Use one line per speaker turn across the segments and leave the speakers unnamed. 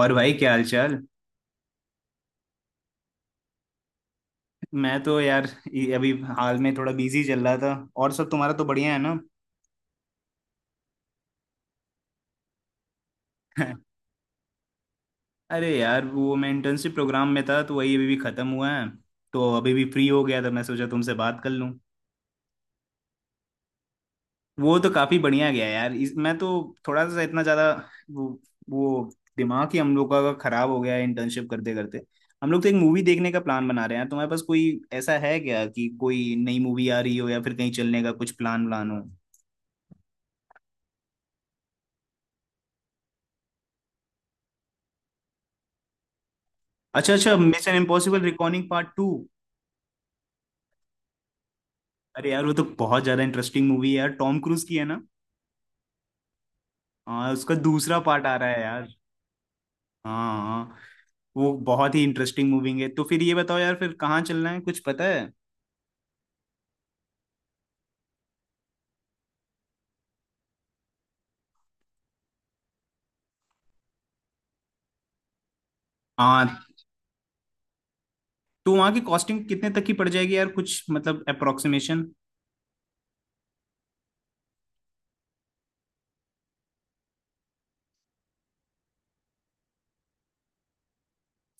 और भाई, क्या हाल चाल। मैं तो यार ये अभी हाल में थोड़ा बिजी चल रहा था, और सब। तुम्हारा तो बढ़िया है ना। अरे यार, वो मैं इंटर्नशिप प्रोग्राम में था तो वही अभी भी खत्म हुआ है। तो अभी भी फ्री हो गया था, मैं सोचा तुमसे बात कर लूं। वो तो काफी बढ़िया गया यार। मैं तो थोड़ा सा इतना ज्यादा वो वो दिमाग ही हम लोग का खराब हो गया है, इंटर्नशिप करते करते। हम लोग तो एक मूवी देखने का प्लान बना रहे हैं। तुम्हारे पास कोई ऐसा है क्या कि कोई नई मूवी आ रही हो, या फिर कहीं चलने का कुछ प्लान व्लान हो? अच्छा अच्छा, मिशन इम्पॉसिबल रिकॉर्डिंग पार्ट 2। अरे यार वो तो बहुत ज्यादा इंटरेस्टिंग मूवी है यार, टॉम क्रूज की है ना। हाँ, उसका दूसरा पार्ट आ रहा है यार। हाँ हाँ। वो बहुत ही इंटरेस्टिंग मूवी है। तो फिर ये बताओ यार, फिर कहाँ चलना है, कुछ पता है? हाँ, तो वहाँ की कॉस्टिंग कितने तक की पड़ जाएगी यार, कुछ मतलब अप्रोक्सीमेशन?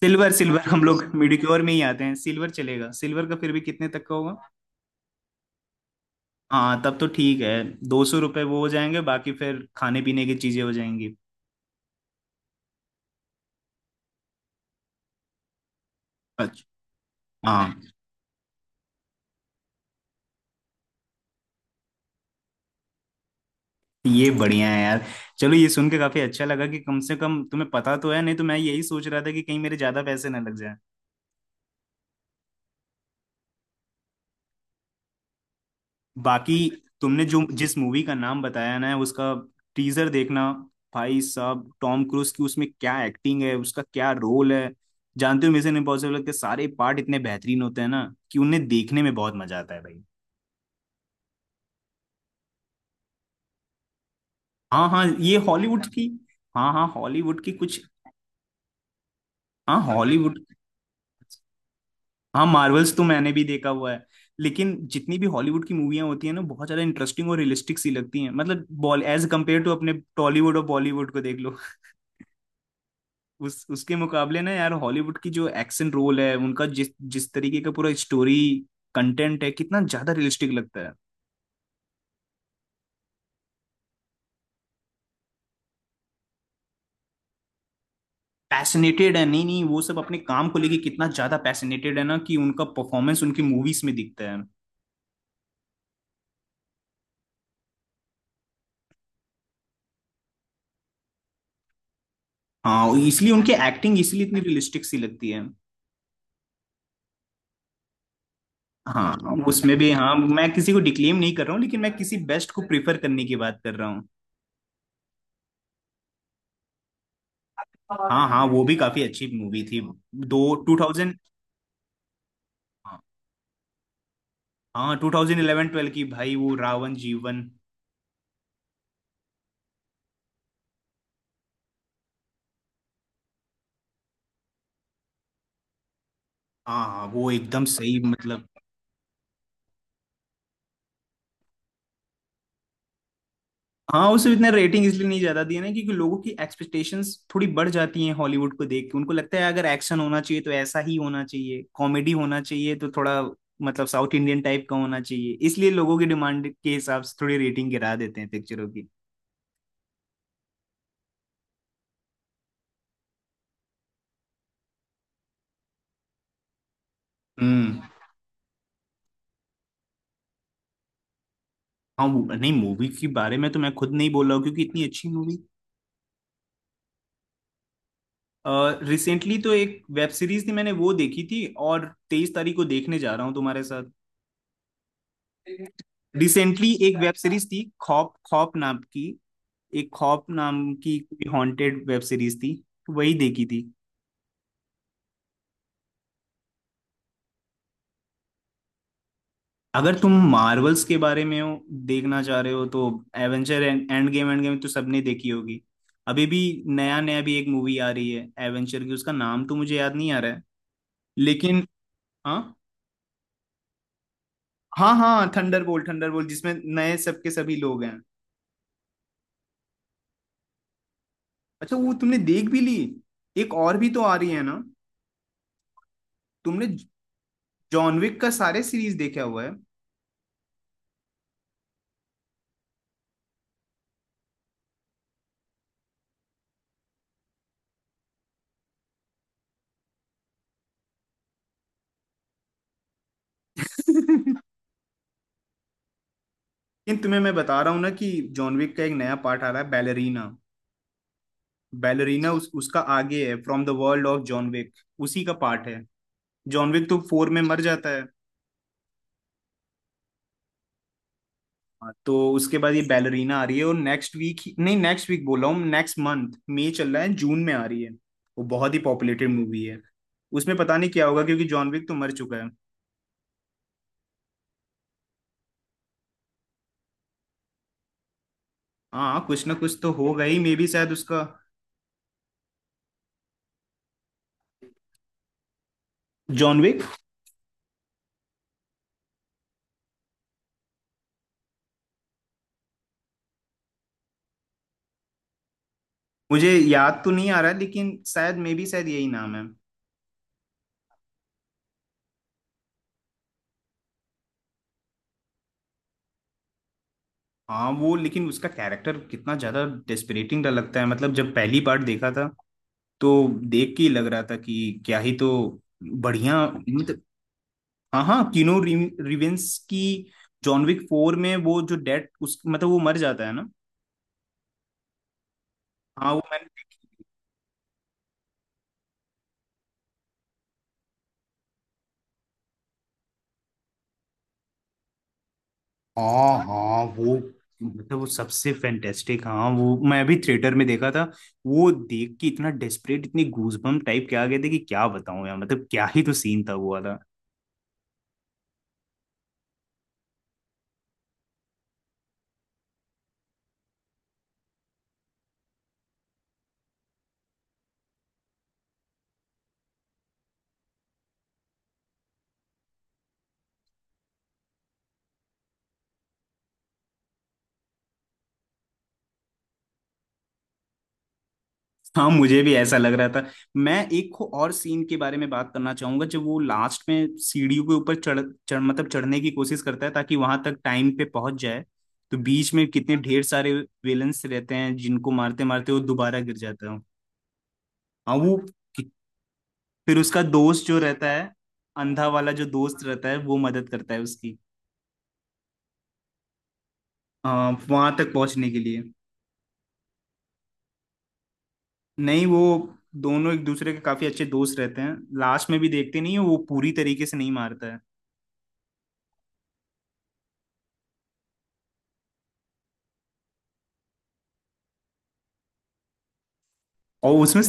सिल्वर सिल्वर, हम लोग मिडिक्योर में ही आते हैं। सिल्वर चलेगा। सिल्वर का फिर भी कितने तक का होगा? हाँ, तब तो ठीक है। 200 रुपये वो हो जाएंगे, बाकी फिर खाने पीने की चीजें हो जाएंगी। अच्छा। हाँ। ये बढ़िया है यार। चलो, ये सुन के काफी अच्छा लगा कि कम से कम तुम्हें पता तो है, नहीं तो मैं यही सोच रहा था कि कहीं मेरे ज्यादा पैसे ना लग जाए। बाकी, तुमने जो जिस मूवी का नाम बताया ना, उसका टीजर देखना भाई साहब। टॉम क्रूज की, उसमें क्या एक्टिंग है, उसका क्या रोल है। जानते हो, मिशन इम्पॉसिबल के सारे पार्ट इतने बेहतरीन होते हैं ना, कि उन्हें देखने में बहुत मजा आता है भाई। हाँ हाँ, ये हॉलीवुड की। हाँ हाँ हॉलीवुड की कुछ। हाँ हॉलीवुड। हाँ, मार्वल्स तो मैंने भी देखा हुआ है। लेकिन जितनी भी हॉलीवुड की मूवियाँ होती हैं ना, बहुत ज्यादा इंटरेस्टिंग और रियलिस्टिक सी लगती हैं, मतलब बॉल एज कम्पेयर टू अपने टॉलीवुड और बॉलीवुड को देख लो। उस उसके मुकाबले ना यार, हॉलीवुड की जो एक्शन रोल है उनका, जिस जिस तरीके का पूरा स्टोरी कंटेंट है, कितना ज्यादा रियलिस्टिक लगता है। पैशनेटेड है। नहीं नहीं, वो सब अपने काम को लेके कितना ज्यादा पैशनेटेड है ना, कि उनका परफॉर्मेंस उनकी मूवीज में दिखता है। हाँ, इसलिए उनकी एक्टिंग इसलिए इतनी रियलिस्टिक सी लगती है। हाँ, उसमें भी। हाँ, मैं किसी को डिक्लेम नहीं कर रहा हूँ, लेकिन मैं किसी बेस्ट को प्रिफर करने की बात कर रहा हूँ। हाँ हाँ, वो भी काफी अच्छी मूवी थी। दो 2000। हाँ, 2011-12 की भाई, वो रावण जीवन। हाँ हाँ, वो एकदम सही मतलब। हाँ, उसे इतना रेटिंग इसलिए नहीं ज्यादा दिया ना, क्योंकि लोगों की एक्सपेक्टेशंस थोड़ी बढ़ जाती हैं। हॉलीवुड को देख के उनको लगता है, अगर एक्शन होना चाहिए तो ऐसा ही होना चाहिए, कॉमेडी होना चाहिए तो थोड़ा मतलब साउथ इंडियन टाइप का होना चाहिए। इसलिए लोगों की डिमांड के हिसाब से थोड़ी रेटिंग गिरा देते हैं पिक्चरों की। हम्म। हाँ, नहीं, मूवी के बारे में तो मैं खुद नहीं बोल रहा हूँ, क्योंकि इतनी अच्छी मूवी। रिसेंटली तो एक वेब सीरीज थी, मैंने वो देखी थी। और 23 तारीख को देखने जा रहा हूँ तुम्हारे साथ। रिसेंटली एक वेब सीरीज थी खौफ, खौफ नाम की, एक खौफ नाम की हॉन्टेड वेब सीरीज थी। वही देखी थी। अगर तुम मार्वल्स के बारे में हो, देखना चाह रहे हो तो Avenger end end game, end game तो सबने देखी होगी। अभी भी। नया नया भी एक मूवी आ रही है एवेंजर की, उसका नाम तो मुझे याद नहीं आ रहा है लेकिन। हाँ हाँ हाँ, थंडरबोल्ट। थंडरबोल्ट जिसमें नए सबके सभी लोग हैं। अच्छा, वो तुमने देख भी ली। एक और भी तो आ रही है ना। तुमने जॉन विक का सारे सीरीज देखा हुआ है? लेकिन तुम्हें मैं बता रहा हूँ ना कि जॉन विक का एक नया पार्ट आ रहा है, बैलरीना। बैलरीना उस उसका आगे है, from the world of John Wick. उसी का पार्ट है। जॉन विक तो फोर में मर जाता है। हाँ, तो उसके बाद ये बैलरीना आ रही है। और नेक्स्ट वीक, नहीं, नेक्स्ट वीक बोल रहा हूँ, नेक्स्ट मंथ। मई चल रहा है, जून में आ रही है। वो बहुत ही पॉपुलेटेड मूवी है। उसमें पता नहीं क्या होगा, क्योंकि जॉन विक तो मर चुका है। हाँ, कुछ ना कुछ तो होगा ही। मे बी शायद उसका। John Wick. मुझे याद तो नहीं आ रहा है लेकिन शायद, मे बी शायद, यही नाम है। हाँ वो, लेकिन उसका कैरेक्टर कितना ज्यादा डेस्परेटिंग लगता है। मतलब जब पहली बार देखा था, तो देख के ही लग रहा था कि क्या ही तो बढ़िया मतलब। हाँ हाँ, किनो रिवेंस की। जॉन विक फोर में वो जो डेड उस मतलब वो मर जाता है ना। हाँ, वो मैंने देखी। हाँ हाँ, वो मतलब वो सबसे फैंटेस्टिक। हाँ वो मैं भी थिएटर में देखा था। वो देख के इतना डेस्परेट, इतनी गूजबम्प टाइप के आ गए थे कि क्या बताऊं यार, मतलब क्या ही तो सीन था वो। हाँ, मुझे भी ऐसा लग रहा था। मैं एक और सीन के बारे में बात करना चाहूंगा, जब वो लास्ट में सीढ़ियों के ऊपर चढ़ चढ़ मतलब चढ़ने की कोशिश करता है, ताकि वहां तक टाइम पे पहुंच जाए। तो बीच में कितने ढेर सारे विलन्स रहते हैं, जिनको मारते मारते वो दोबारा गिर जाता है। हाँ वो, कि- फिर उसका दोस्त जो रहता है, अंधा वाला जो दोस्त रहता है, वो मदद करता है उसकी। वहां तक पहुंचने के लिए। नहीं, वो दोनों एक दूसरे के काफी अच्छे दोस्त रहते हैं। लास्ट में भी देखते नहीं है, वो पूरी तरीके से नहीं मारता है। और उसमें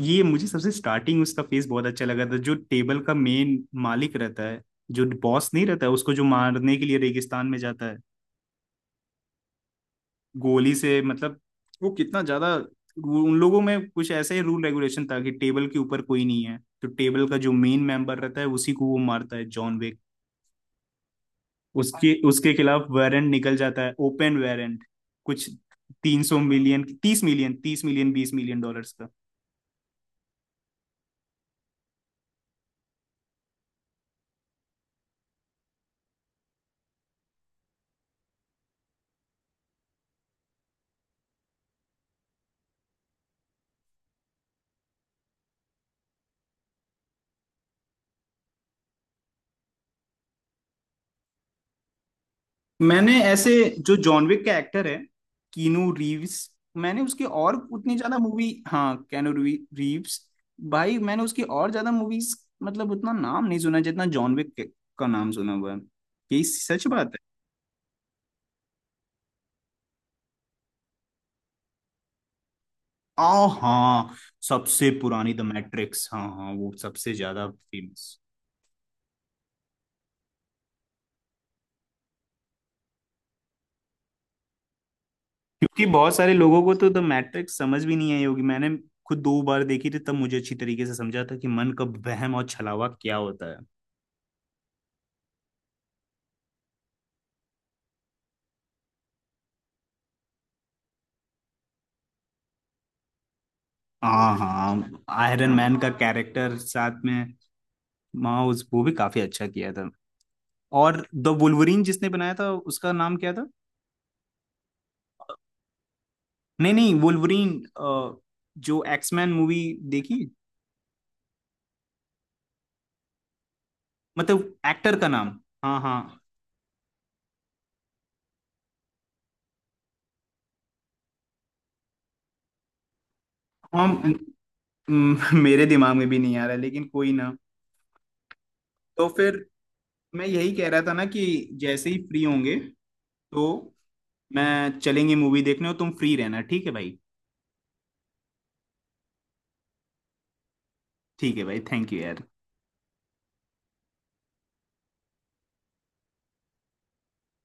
ये, मुझे सबसे स्टार्टिंग उसका फेस बहुत अच्छा लगा था, जो टेबल का मेन मालिक रहता है। जो बॉस नहीं रहता है, उसको जो मारने के लिए रेगिस्तान में जाता है। गोली से मतलब वो कितना ज्यादा उन लोगों में कुछ ऐसा ही रूल रेगुलेशन था कि टेबल के ऊपर कोई नहीं है, तो टेबल का जो मेन मेंबर रहता है, उसी को वो मारता है जॉन विक। उसके उसके खिलाफ वारंट निकल जाता है, ओपन वारंट कुछ। 300 million, 30 million, 30 million 20 million dollar. मैंने ऐसे, जो जॉन विक का एक्टर है, कीनू रीव्स, मैंने उसकी और उतनी ज्यादा मूवी। हाँ, कैनू रीव्स। भाई मैंने उसकी और ज्यादा मूवीज मतलब उतना नाम नहीं सुना, जितना जॉन विक का नाम सुना हुआ है। यही सच बात है। आ हाँ, सबसे पुरानी द मैट्रिक्स। हाँ हाँ, वो सबसे ज्यादा फेमस। क्योंकि बहुत सारे लोगों को तो द मैट्रिक्स समझ भी नहीं आई होगी। मैंने खुद 2 बार देखी थी, तब मुझे अच्छी तरीके से समझा था कि मन का वहम और छलावा क्या होता है। हाँ हाँ, आयरन मैन का कैरेक्टर साथ में। माँ उस, वो भी काफी अच्छा किया था। और द वुल्वरीन जिसने बनाया था, उसका नाम क्या था? नहीं नहीं, वुल्वरीन जो एक्समैन मूवी देखी। मतलब एक्टर का नाम। हाँ हाँ हाँ, मेरे दिमाग में भी नहीं आ रहा, लेकिन कोई ना। तो फिर मैं यही कह रहा था ना कि जैसे ही फ्री होंगे, तो मैं चलेंगे मूवी देखने, और तुम फ्री रहना। ठीक है भाई? ठीक है भाई, थैंक यू यार।